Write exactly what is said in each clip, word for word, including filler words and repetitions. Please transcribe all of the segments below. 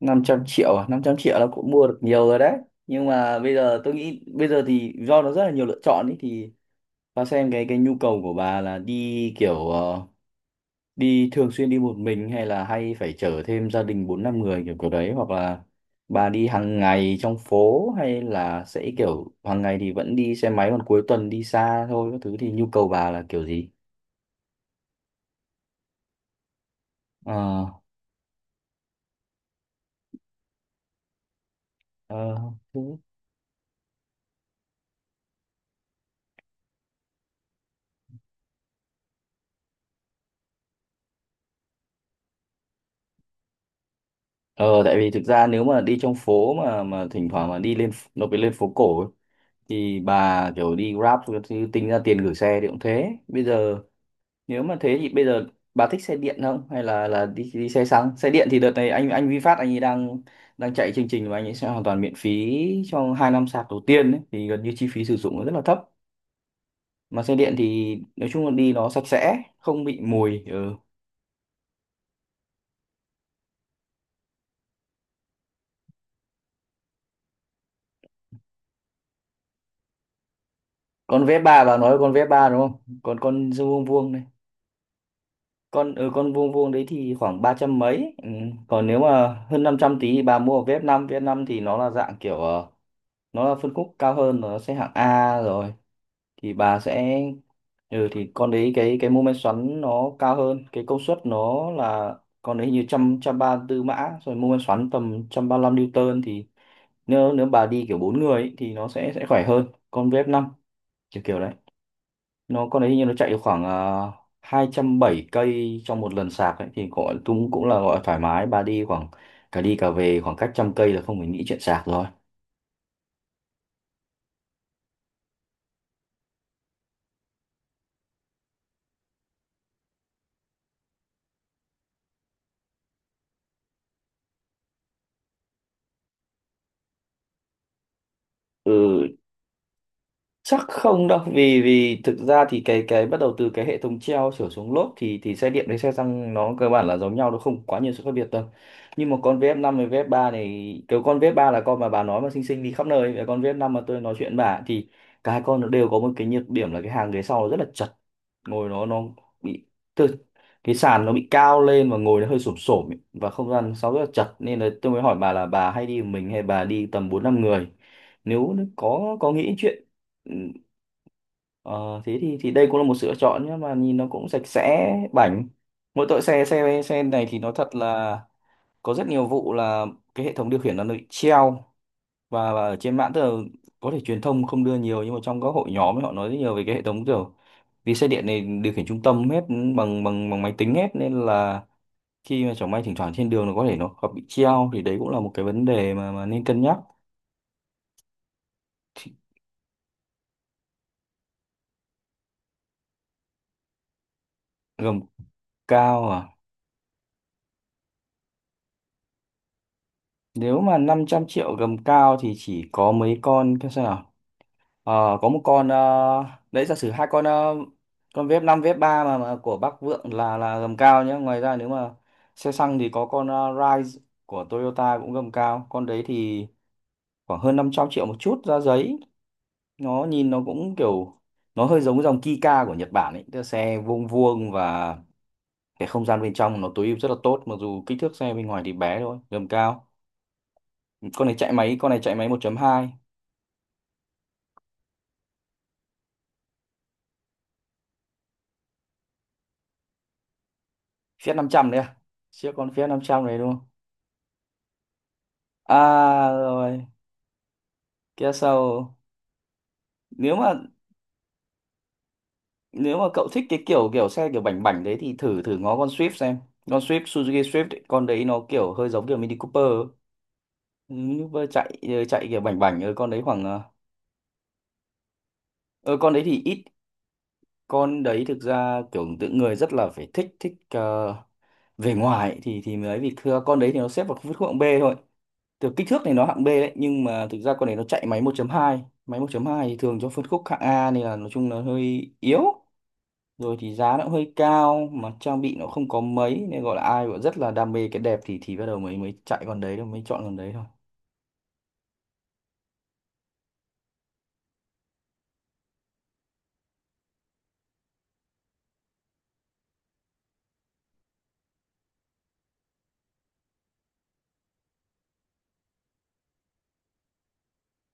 Năm trăm triệu à? Năm trăm triệu là cũng mua được nhiều rồi đấy. Nhưng mà bây giờ tôi nghĩ bây giờ thì do nó rất là nhiều lựa chọn ấy, thì bà xem cái cái nhu cầu của bà là đi kiểu ờ, đi thường xuyên, đi một mình hay là hay phải chở thêm gia đình bốn năm người kiểu kiểu đấy, hoặc là bà đi hàng ngày trong phố, hay là sẽ kiểu hàng ngày thì vẫn đi xe máy còn cuối tuần đi xa thôi các thứ, thì nhu cầu bà là kiểu gì? Ờ ờ thứ- Ờ, tại vì thực ra nếu mà đi trong phố mà mà thỉnh thoảng mà đi lên ph- nó phải lên phố cổ ấy, thì bà kiểu đi Grab thì tính ra tiền gửi xe thì cũng thế. Bây giờ nếu mà thế thì bây giờ bà thích xe điện không, hay là là đi đi xe xăng? Xe điện thì đợt này anh anh VinFast anh ấy đang đang chạy chương trình mà anh ấy sẽ hoàn toàn miễn phí trong hai năm sạc đầu tiên ấy, thì gần như chi phí sử dụng nó rất là thấp, mà xe điện thì nói chung là đi nó sạch sẽ, không bị mùi. Ừ. Con Vespa, bà nói là con Vespa đúng không, còn con vuông vuông, con ở con vuông vuông đấy thì khoảng ba trăm mấy. Ừ. Còn nếu mà hơn năm trăm tí thì bà mua ở vê ép năm, vf năm, vê ép năm, thì nó là dạng kiểu ờ, nó là phân khúc cao hơn, nó sẽ hạng A rồi, thì bà sẽ ừ thì con đấy cái cái mô men xoắn nó cao hơn, cái công suất nó là con đấy hình như trăm trăm ba tư mã rồi, mô men xoắn tầm trăm ba lăm newton. Thì nếu nếu bà đi kiểu bốn người ấy, thì nó sẽ sẽ khỏe hơn con vf năm, kiểu kiểu nó, con đấy hình như nó chạy được khoảng uh, hai trăm bảy cây trong một lần sạc ấy, thì gọi cũng cũng là gọi thoải mái. Bà đi khoảng cả đi cả về khoảng cách trăm cây là không phải nghĩ chuyện sạc rồi. Ừ, chắc không đâu, vì vì thực ra thì cái cái bắt đầu từ cái hệ thống treo trở xuống lốp thì thì xe điện với xe xăng nó cơ bản là giống nhau, nó không quá nhiều sự khác biệt đâu. Nhưng mà con vf năm với vf ba này, cái con vf ba là con mà bà nói mà xinh xinh đi khắp nơi, và con vf năm mà tôi nói chuyện bà, thì cả hai con nó đều có một cái nhược điểm là cái hàng ghế sau nó rất là chật, ngồi nó nó bị từ cái sàn nó bị cao lên và ngồi nó hơi xổm xổm ấy, và không gian sau rất là chật, nên là tôi mới hỏi bà là bà hay đi một mình hay bà đi tầm bốn năm người, nếu có có nghĩ chuyện. Ừ, ờ, thế thì thì đây cũng là một sự lựa chọn, nhưng mà nhìn nó cũng sạch sẽ bảnh, mỗi tội xe xe xe này thì nó thật là có rất nhiều vụ là cái hệ thống điều khiển nó bị treo, và, và ở trên mạng tức là có thể truyền thông không đưa nhiều, nhưng mà trong các hội nhóm ấy, họ nói rất nhiều về cái hệ thống kiểu vì xe điện này điều khiển trung tâm hết, ừ, bằng bằng bằng máy tính hết, nên là khi mà chẳng may thỉnh thoảng trên đường nó có thể nó gặp bị treo, thì đấy cũng là một cái vấn đề mà mà nên cân nhắc. Gầm cao à? Nếu mà năm trăm triệu gầm cao thì chỉ có mấy con, cái xem nào. Ờ, có một con ờ, đấy, giả sử hai con ờ, con vép năm, vép ba mà, mà của Bắc Vượng là là gầm cao nhé. Ngoài ra nếu mà xe xăng thì có con ờ, Rise của Toyota cũng gầm cao. Con đấy thì khoảng hơn năm trăm triệu một chút ra giấy. Nó nhìn nó cũng kiểu nó hơi giống dòng Kika của Nhật Bản ấy, tức là xe vuông vuông, và cái không gian bên trong nó tối ưu rất là tốt mặc dù kích thước xe bên ngoài thì bé thôi, gầm cao. Con này chạy máy, con này chạy máy một chấm hai. Fiat năm trăm đấy à? Chiếc con Fiat năm trăm này đúng không? À rồi, Kia Soul. nếu mà Nếu mà cậu thích cái kiểu kiểu xe kiểu bảnh bảnh đấy thì thử thử ngó con Swift xem, con Swift, Suzuki Swift ấy, con đấy nó kiểu hơi giống kiểu Mini Cooper ấy. Mini Cooper chạy ờ, chạy kiểu bảnh bảnh, ờ, con đấy khoảng ờ, ờ, con đấy thì ít. Con đấy thực ra kiểu tự người rất là phải thích thích ờ, về ngoài thì thì mới ấy, vì thưa con đấy thì nó xếp vào phân khúc hạng B thôi. Từ kích thước này nó hạng B đấy, nhưng mà thực ra con này nó chạy máy một chấm hai, máy một chấm hai thì thường cho phân khúc hạng A, nên là nói chung là hơi yếu, rồi thì giá nó cũng hơi cao mà trang bị nó không có mấy, nên gọi là ai gọi rất là đam mê cái đẹp thì thì bắt đầu mới mới chạy con đấy thôi mới chọn con đấy thôi.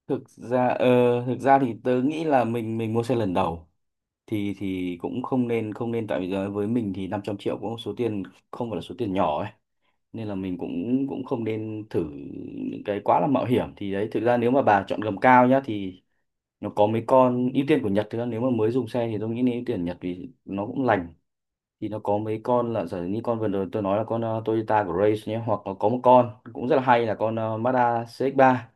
Thực ra ờ, thực ra thì tớ nghĩ là mình mình mua xe lần đầu thì thì cũng không nên, không nên tại vì giờ với mình thì năm trăm triệu cũng số tiền, không phải là số tiền nhỏ ấy, nên là mình cũng cũng không nên thử những cái quá là mạo hiểm. Thì đấy, thực ra nếu mà bà chọn gầm cao nhá thì nó có mấy con ưu tiên của Nhật, thực ra nếu mà mới dùng xe thì tôi nghĩ nên ưu tiên Nhật vì nó cũng lành, thì nó có mấy con là giả như con vừa rồi tôi nói là con ờ, Toyota Grace nhé, hoặc là có một con cũng rất là hay là con ờ, Mazda xê ích ba.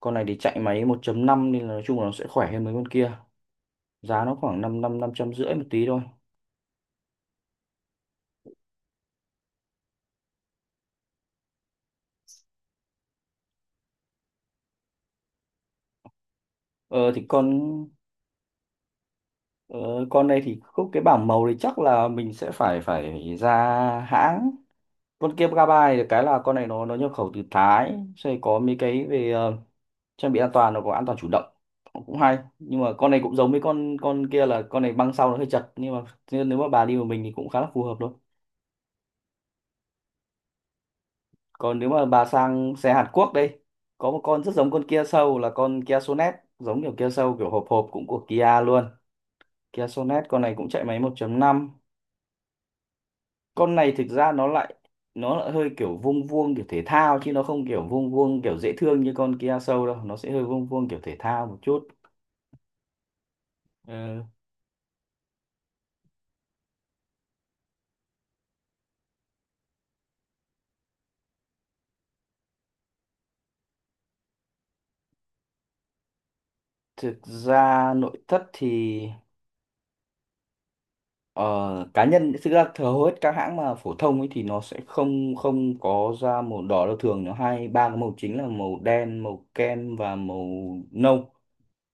Con này thì chạy máy một chấm năm, nên là nói chung là nó sẽ khỏe hơn mấy con kia. Giá nó khoảng năm năm năm trăm rưỡi một tí thôi. Ờ thì con Ờ, con này thì khúc cái bảng màu thì chắc là mình sẽ phải phải ra hãng. Con kia Gabby được cái là con này nó nó nhập khẩu từ Thái, sẽ có mấy cái về ờ, trang bị an toàn, nó có an toàn chủ động cũng hay, nhưng mà con này cũng giống với con con kia là con này băng sau nó hơi chật, nhưng mà nên nếu mà bà đi một mình thì cũng khá là phù hợp thôi. Còn nếu mà bà sang xe Hàn Quốc đây, có một con rất giống con Kia Soul là con Kia Sonet, giống kiểu Kia Soul kiểu hộp hộp, cũng của Kia luôn. Kia Sonet, con này cũng chạy máy một chấm năm. Con này thực ra nó lại, nó lại hơi kiểu vuông vuông kiểu thể thao, chứ nó không kiểu vuông vuông kiểu dễ thương như con Kia Soul đâu, nó sẽ hơi vuông vuông kiểu thể thao một chút. Ờ, thực ra nội thất thì ờ, cá nhân thực ra thờ hầu hết các hãng mà phổ thông ấy thì nó sẽ không không có ra màu đỏ đâu, thường nó hai ba cái màu chính là màu đen, màu kem và màu nâu.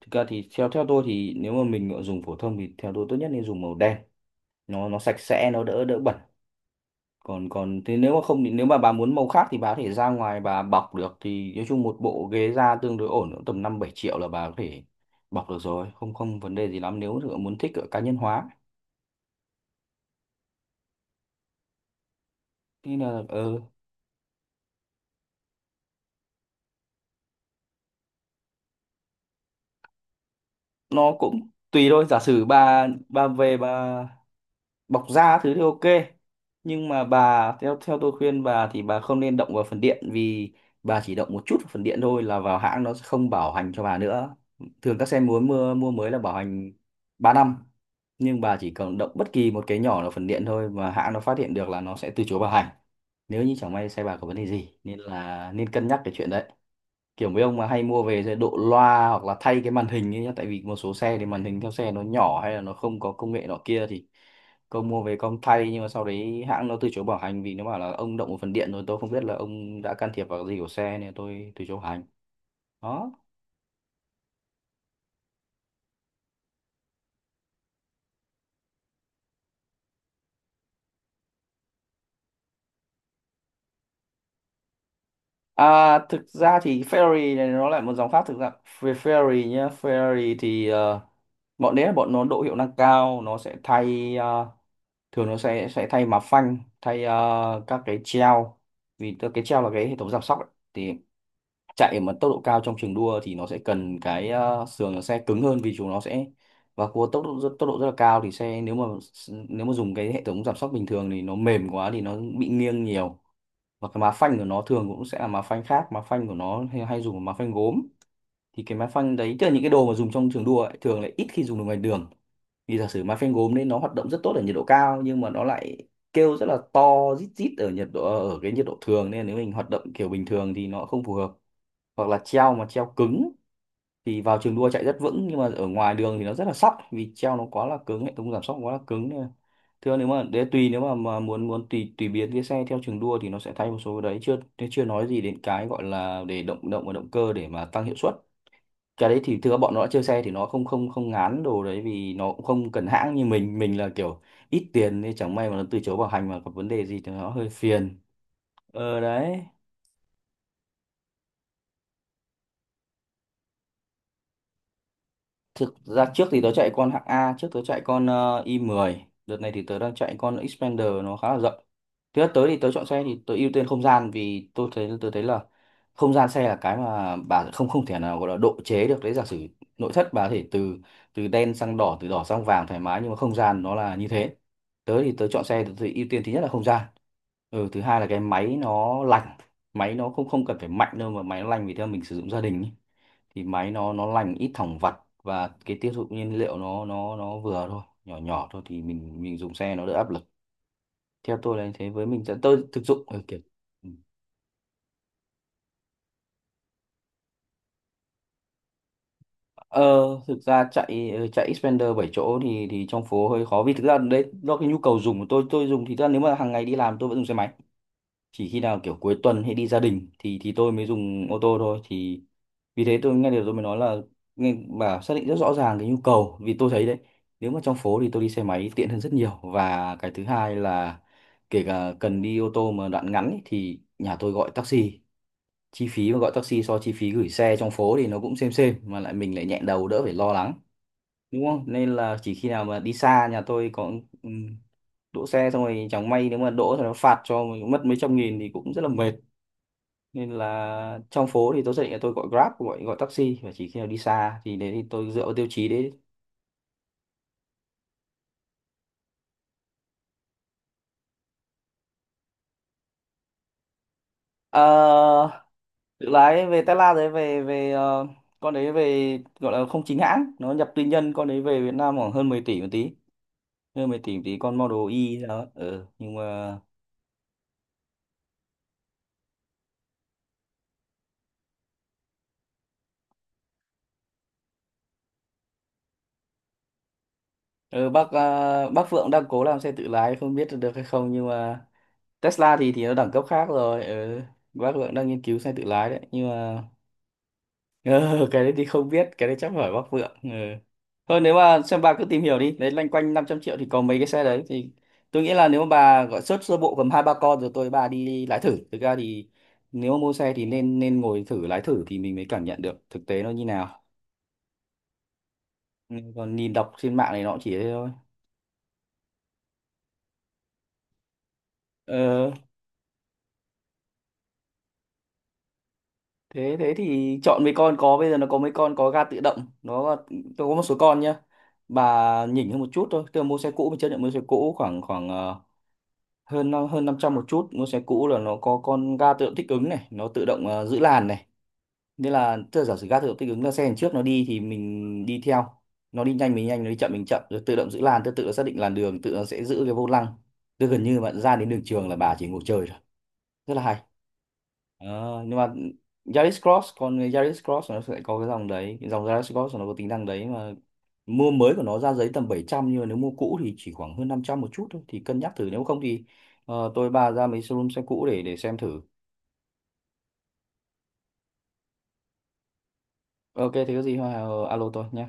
Thực ra thì theo theo tôi thì nếu mà mình dùng phổ thông thì theo tôi tốt nhất nên dùng màu đen, nó nó sạch sẽ, nó đỡ đỡ bẩn. Còn Còn thế nếu mà không thì nếu mà bà muốn màu khác thì bà có thể ra ngoài bà bọc được, thì nói chung một bộ ghế da tương đối ổn cũng tầm năm bảy triệu là bà có thể bọc được rồi, không không vấn đề gì lắm nếu mà muốn thích ở cá nhân hóa. Thế là ờ, nó cũng tùy thôi, giả sử bà bà về bà bọc da thứ thì ok, nhưng mà bà theo theo tôi khuyên bà thì bà không nên động vào phần điện, vì bà chỉ động một chút vào phần điện thôi là vào hãng nó sẽ không bảo hành cho bà nữa. Thường các xe muốn mua mua mới là bảo hành ba năm, nhưng bà chỉ cần động bất kỳ một cái nhỏ là phần điện thôi mà hãng nó phát hiện được là nó sẽ từ chối bảo hành nếu như chẳng may xe bà có vấn đề gì nên là nên cân nhắc cái chuyện đấy. Kiểu mấy ông mà hay mua về sẽ độ loa hoặc là thay cái màn hình ấy nhá, tại vì một số xe thì màn hình theo xe nó nhỏ hay là nó không có công nghệ nọ kia thì công mua về công thay, nhưng mà sau đấy hãng nó từ chối bảo hành vì nó bảo là ông động một phần điện rồi, tôi không biết là ông đã can thiệp vào cái gì của xe nên tôi từ chối bảo hành. Đó. À, thực ra thì Ferrari này nó lại một dòng khác thực ra. Fe- Ferrari nhá, Ferrari thì ờ, bọn đấy là bọn nó độ hiệu năng cao, nó sẽ thay, ờ, thường nó sẽ sẽ thay má phanh, thay ờ, các cái treo. Vì tớ- cái treo là cái hệ thống giảm sóc ấy. Thì chạy mà tốc độ cao trong trường đua thì nó sẽ cần cái ờ, sườn nó sẽ cứng hơn, vì chúng nó sẽ và cua tốc độ rất, tốc độ rất là cao, thì xe nếu mà s- nếu mà dùng cái hệ thống giảm sóc bình thường thì nó mềm quá thì nó bị nghiêng nhiều. Và cái má phanh của nó thường cũng sẽ là má phanh khác, má phanh của nó hay, hay dùng là má phanh gốm. Thì cái má phanh đấy tức là những cái đồ mà dùng trong trường đua ấy, thường lại ít khi dùng được ngoài đường, vì giả sử mà phanh gốm nên nó hoạt động rất tốt ở nhiệt độ cao, nhưng mà nó lại kêu rất là to, rít rít ở nhiệt độ, ở cái nhiệt độ thường, nên nếu mình hoạt động kiểu bình thường thì nó không phù hợp. Hoặc là treo mà treo cứng thì vào trường đua chạy rất vững nhưng mà ở ngoài đường thì nó rất là sóc, vì treo nó quá là cứng, hệ thống giảm sóc quá là cứng, nên là thưa nếu mà để tùy, nếu mà, mà muốn muốn tùy tùy biến cái xe theo trường đua thì nó sẽ thay một số cái đấy, chưa chưa nói gì đến cái gọi là để động động và động cơ để mà tăng hiệu suất. Cái đấy thì thưa bọn nó đã chơi xe thì nó không không không ngán đồ đấy, vì nó cũng không cần hãng như mình. Mình là kiểu ít tiền nên chẳng may mà nó từ chối bảo hành mà gặp vấn đề gì thì nó hơi phiền. Ờ đấy. Thực ra trước thì tớ chạy con hạng A, trước tớ chạy con ờ, i mười, đợt này thì tớ đang chạy con Xpander, nó khá là rộng. Thứ nhất tới thì tớ chọn xe thì tớ ưu tiên không gian, vì tôi thấy tớ thấy là không gian xe là cái mà bà không không thể nào gọi là độ chế được đấy. Giả sử nội thất bà có thể từ, từ đen sang đỏ, từ đỏ sang vàng thoải mái, nhưng mà không gian nó là như thế. Tớ thì tớ chọn xe, tớ thì ưu tiên thứ nhất là không gian. Ừ, thứ hai là cái máy nó lành. Máy nó không không cần phải mạnh đâu, mà máy nó lành, vì theo mình sử dụng gia đình ý, thì máy nó nó lành, ít thẳng vặt, và cái tiêu thụ nhiên liệu nó nó nó vừa thôi, nhỏ nhỏ thôi, thì mình mình dùng xe nó đỡ áp lực. Theo tôi là như thế, với mình sẽ, tôi thực dụng, ừ, kiểu ừ. ờ, Thực ra chạy ờ, chạy Xpander bảy chỗ thì thì trong phố hơi khó, vì thực ra đấy do cái nhu cầu dùng của tôi. Tôi dùng thì thực ra nếu mà hàng ngày đi làm tôi vẫn dùng xe máy, chỉ khi nào kiểu cuối tuần hay đi gia đình thì thì tôi mới dùng ô tô thôi. Thì vì thế tôi nghe điều tôi mới nói là nghe bà xác định rất rõ ràng cái nhu cầu, vì tôi thấy đấy, nếu mà trong phố thì tôi đi xe máy tiện hơn rất nhiều. Và cái thứ hai là kể cả cần đi ô tô mà đoạn ngắn ý, thì nhà tôi gọi taxi. Chi phí mà gọi taxi so chi phí gửi xe trong phố thì nó cũng xem xem mà lại mình lại nhẹ đầu, đỡ phải lo lắng, đúng không, nên là chỉ khi nào mà đi xa nhà tôi có. ừm, Đỗ xe xong rồi chẳng may nếu mà đỗ thì nó phạt cho mình mất mấy trăm nghìn thì cũng rất là mệt. Nên là trong phố thì tôi xác định là tôi gọi Grab, gọi gọi taxi, và chỉ khi nào đi xa thì đấy thì tôi dựa vào tiêu chí đấy. Ờ, tự lái về Tesla đấy, về về ờ, con đấy về gọi là không chính hãng, nó nhập tư nhân. Con đấy về Việt Nam khoảng hơn mười tỷ một tí, hơn mười tỷ một tí con Model Y đó. Ừ, nhưng mà ừ, bác ờ, bác Phượng đang cố làm xe tự lái không biết được hay không, nhưng mà Tesla thì thì nó đẳng cấp khác rồi. Ừ, bác Phượng đang nghiên cứu xe tự lái đấy nhưng mà. Ờ, cái đấy thì không biết, cái đấy chắc phải Bắc Vượng. Ừ. Thôi nếu mà xem bà cứ tìm hiểu đi, đấy loanh quanh năm trăm triệu thì có mấy cái xe đấy, thì tôi nghĩ là nếu mà bà gọi search sơ bộ cầm hai ba con rồi tôi bà đi lái thử. Thực ra thì nếu mà mua xe thì nên nên ngồi thử lái thử thì mình mới cảm nhận được thực tế nó như nào. Ừ, còn nhìn đọc trên mạng này nó cũng chỉ thế thôi. Ờ, thế thế thì chọn mấy con có, bây giờ nó có mấy con có ga tự động, nó tôi có một số con nhá. Bà nhỉnh hơn một chút thôi, tôi mua xe cũ, mình chấp nhận mua xe cũ khoảng khoảng ờ, hơn nó- hơn năm trăm một chút mua xe cũ, là nó có con ga tự động thích ứng này, nó tự động ờ, giữ làn này. Nên là tức là giả sử ga tự động thích ứng là xe đằng trước nó đi thì mình đi theo, nó đi nhanh mình nhanh, nó đi chậm mình chậm, rồi tự động giữ làn, tự tự nó xác định làn đường, tự nó sẽ giữ cái vô lăng. Tức gần như bạn ra đến đường trường là bà chỉ ngồi chơi thôi, rất là hay. Ờ, nhưng mà Yaris Cross, còn cái Yaris Cross nó sẽ có cái dòng đấy, cái dòng Yaris Cross nó có tính năng đấy mà. Mua mới của nó ra giấy tầm bảy trăm, nhưng mà nếu mua cũ thì chỉ khoảng hơn năm trăm một chút thôi, thì cân nhắc thử. Nếu không thì ờ, tôi bà ra mấy showroom xe cũ để để xem thử. Ok, thế có gì ờ, alo tôi nhé.